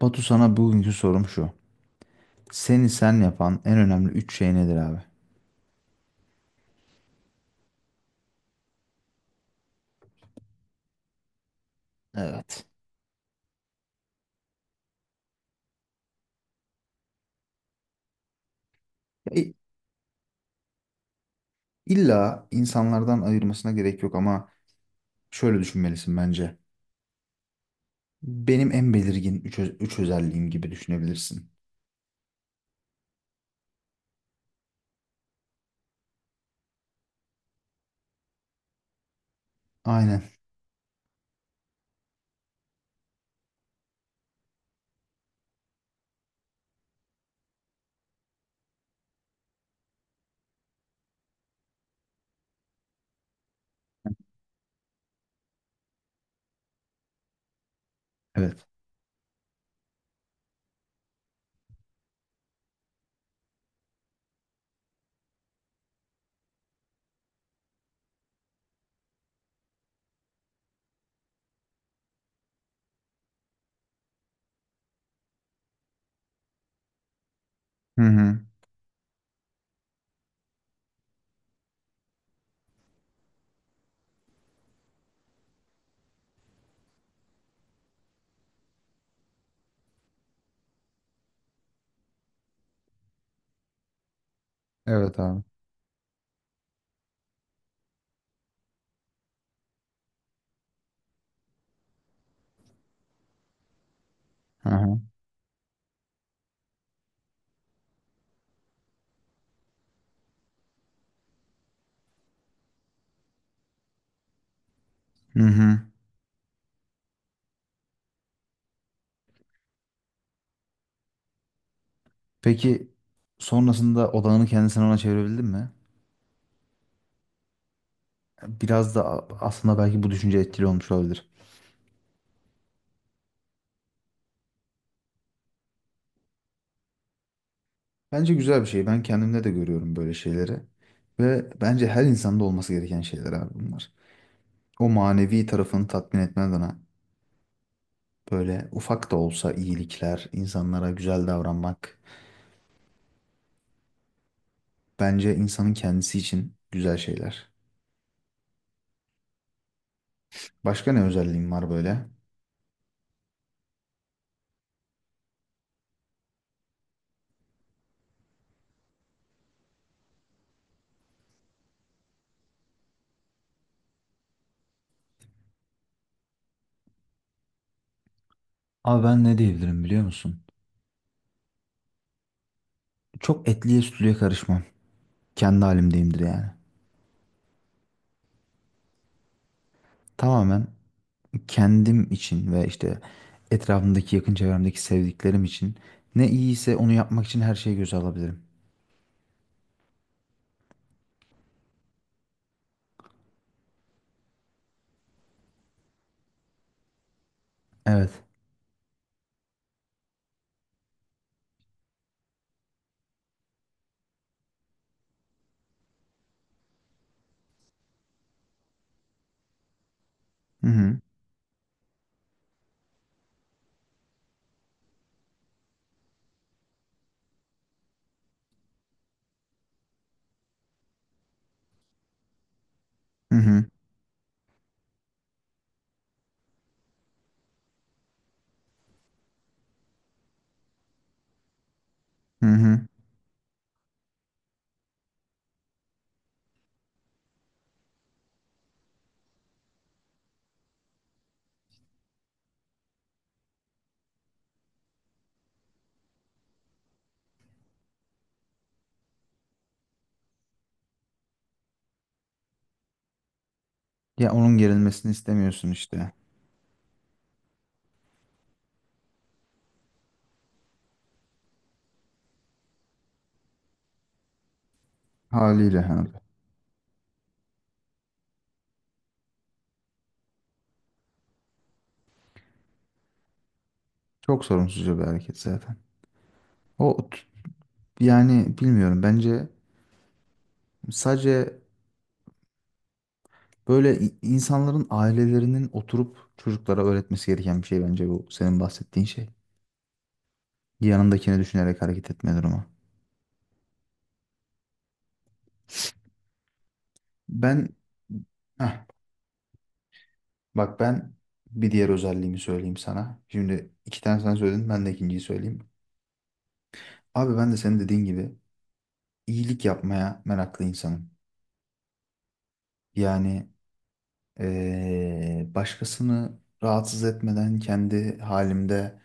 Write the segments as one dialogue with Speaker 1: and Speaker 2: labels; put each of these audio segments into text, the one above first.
Speaker 1: Batu, sana bugünkü sorum şu. Seni sen yapan en önemli üç şey nedir abi? Evet. Ya, İlla insanlardan ayırmasına gerek yok ama şöyle düşünmelisin bence. Benim en belirgin üç özelliğim gibi düşünebilirsin. Aynen. Evet. Hı hı. Evet abi. Hı hı. Hı hı. Peki, sonrasında odağını kendisine ona çevirebildin mi? Biraz da aslında belki bu düşünce etkili olmuş olabilir. Bence güzel bir şey. Ben kendimde de görüyorum böyle şeyleri. Ve bence her insanda olması gereken şeyler abi bunlar. O manevi tarafını tatmin etmen adına böyle ufak da olsa iyilikler, insanlara güzel davranmak bence insanın kendisi için güzel şeyler. Başka ne özelliğim var böyle? Abi ben ne diyebilirim biliyor musun? Çok etliye sütlüye karışmam. Kendi halimdeyimdir yani. Tamamen kendim için ve işte etrafımdaki yakın çevremdeki sevdiklerim için ne iyiyse onu yapmak için her şeyi göze alabilirim. Evet. Hı hı. Hı hı. Hı hı. Ya, onun gerilmesini istemiyorsun işte. Haliyle hani. Çok sorumsuzca bir hareket zaten. O t- Yani bilmiyorum, bence sadece böyle insanların ailelerinin oturup çocuklara öğretmesi gereken bir şey, bence bu senin bahsettiğin şey. Yanındakini düşünerek hareket etme durumu. Ben Heh, bak ben bir diğer özelliğimi söyleyeyim sana. Şimdi iki tane sen söyledin, ben de ikinciyi söyleyeyim. Abi ben de senin dediğin gibi iyilik yapmaya meraklı insanım. Yani başkasını rahatsız etmeden kendi halimde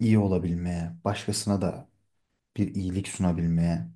Speaker 1: iyi olabilmeye, başkasına da bir iyilik sunabilmeye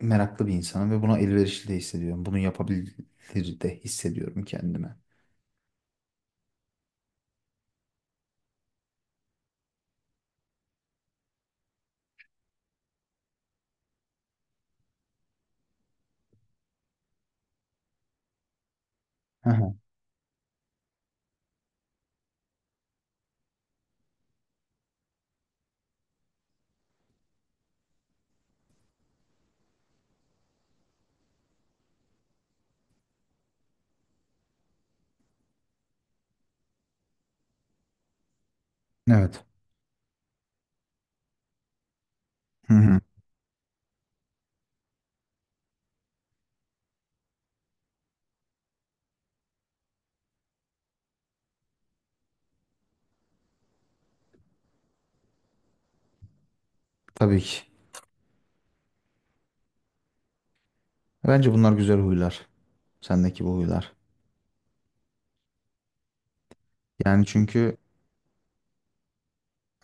Speaker 1: meraklı bir insanım ve buna elverişli de hissediyorum. Bunu yapabilir de hissediyorum kendime. Hı hı. Evet. Hı hı. Tabii ki. Bence bunlar güzel huylar. Sendeki bu huylar. Yani çünkü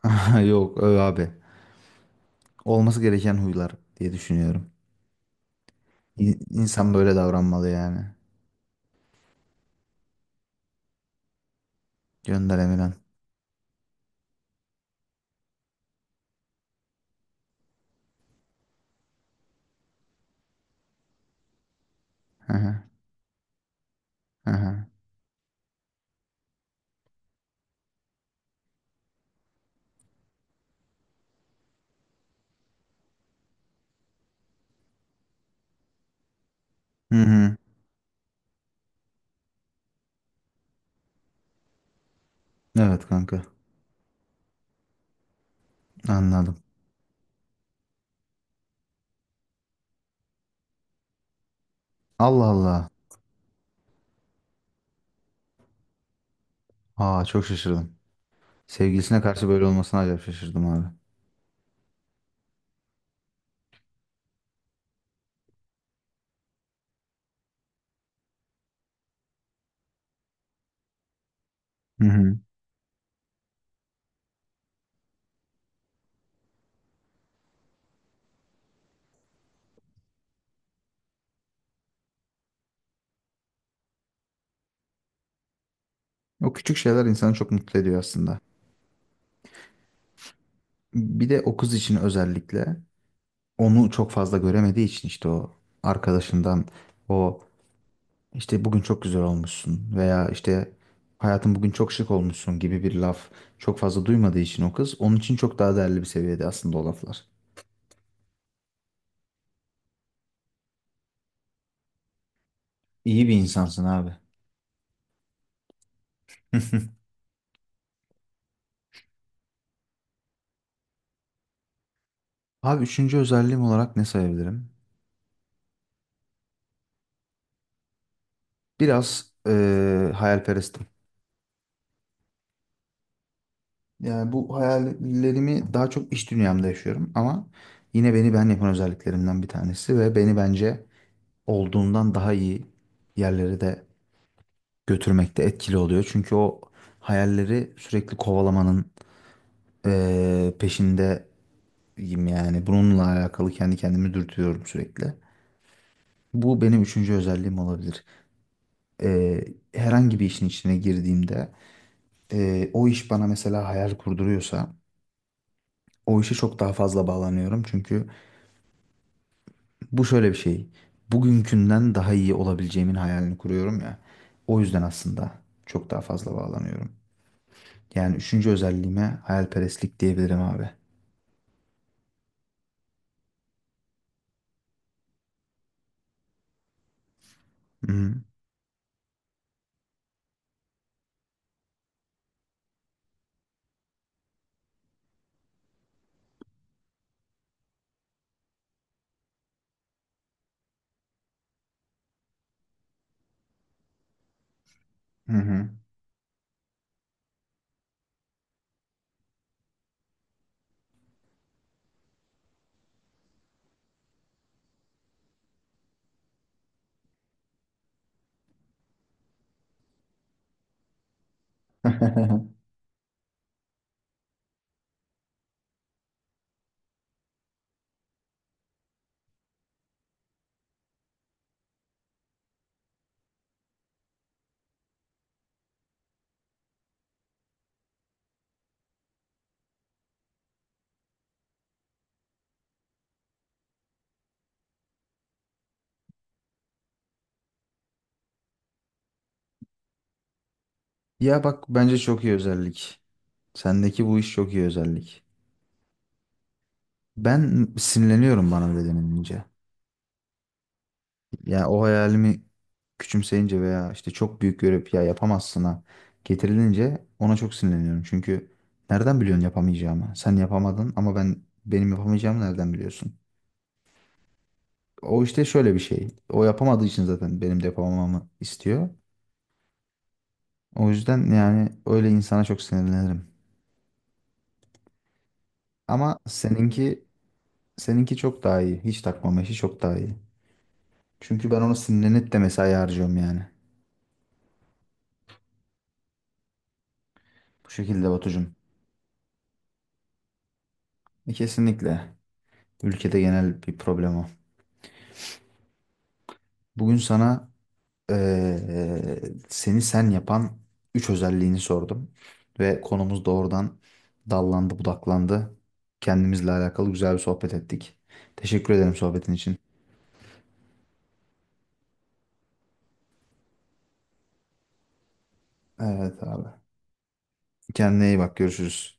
Speaker 1: yok öyle abi. Olması gereken huylar diye düşünüyorum. İn- İnsan böyle davranmalı yani. Gönder Emirhan. Hı hı. Hı hı. Hı hı. Evet kanka. Anladım. Allah Allah. Aa, çok şaşırdım. Sevgilisine karşı böyle olmasına acayip şaşırdım abi. Hı hı. O küçük şeyler insanı çok mutlu ediyor aslında. Bir de o kız için özellikle onu çok fazla göremediği için işte o arkadaşından, o işte bugün çok güzel olmuşsun veya işte hayatım bugün çok şık olmuşsun gibi bir laf çok fazla duymadığı için, o kız onun için çok daha değerli bir seviyede aslında o laflar. İyi bir insansın abi. Abi, üçüncü özelliğim olarak ne sayabilirim? Biraz hayalperestim. Yani bu hayallerimi daha çok iş dünyamda yaşıyorum ama yine beni ben yapan özelliklerimden bir tanesi ve beni bence olduğumdan daha iyi yerlere de götürmekte etkili oluyor. Çünkü o hayalleri sürekli kovalamanın peşindeyim yani. Bununla alakalı kendi kendimi dürtüyorum sürekli. Bu benim üçüncü özelliğim olabilir. Herhangi bir işin içine girdiğimde o iş bana mesela hayal kurduruyorsa, o işe çok daha fazla bağlanıyorum. Çünkü bu şöyle bir şey. Bugünkünden daha iyi olabileceğimin hayalini kuruyorum ya. O yüzden aslında çok daha fazla bağlanıyorum. Yani üçüncü özelliğime hayalperestlik diyebilirim abi. Hı hı. Hı Ya bak, bence çok iyi özellik. Sendeki bu iş çok iyi özellik. Ben sinirleniyorum bana öyle denilince. Ya, o hayalimi küçümseyince veya işte çok büyük görüp ya yapamazsına getirilince ona çok sinirleniyorum. Çünkü nereden biliyorsun yapamayacağımı? Sen yapamadın ama ben, benim yapamayacağımı nereden biliyorsun? O işte şöyle bir şey. O yapamadığı için zaten benim de yapamamamı istiyor. O yüzden yani öyle insana çok sinirlenirim. Ama seninki çok daha iyi. Hiç takmama işi çok daha iyi. Çünkü ben ona sinirlenip de mesai harcıyorum yani. Bu şekilde Batucuğum. E, kesinlikle. Ülkede genel bir problem o. Bugün sana eee, seni sen yapan üç özelliğini sordum ve konumuz doğrudan dallandı, budaklandı. Kendimizle alakalı güzel bir sohbet ettik. Teşekkür ederim sohbetin için. Evet abi. Kendine iyi bak, görüşürüz.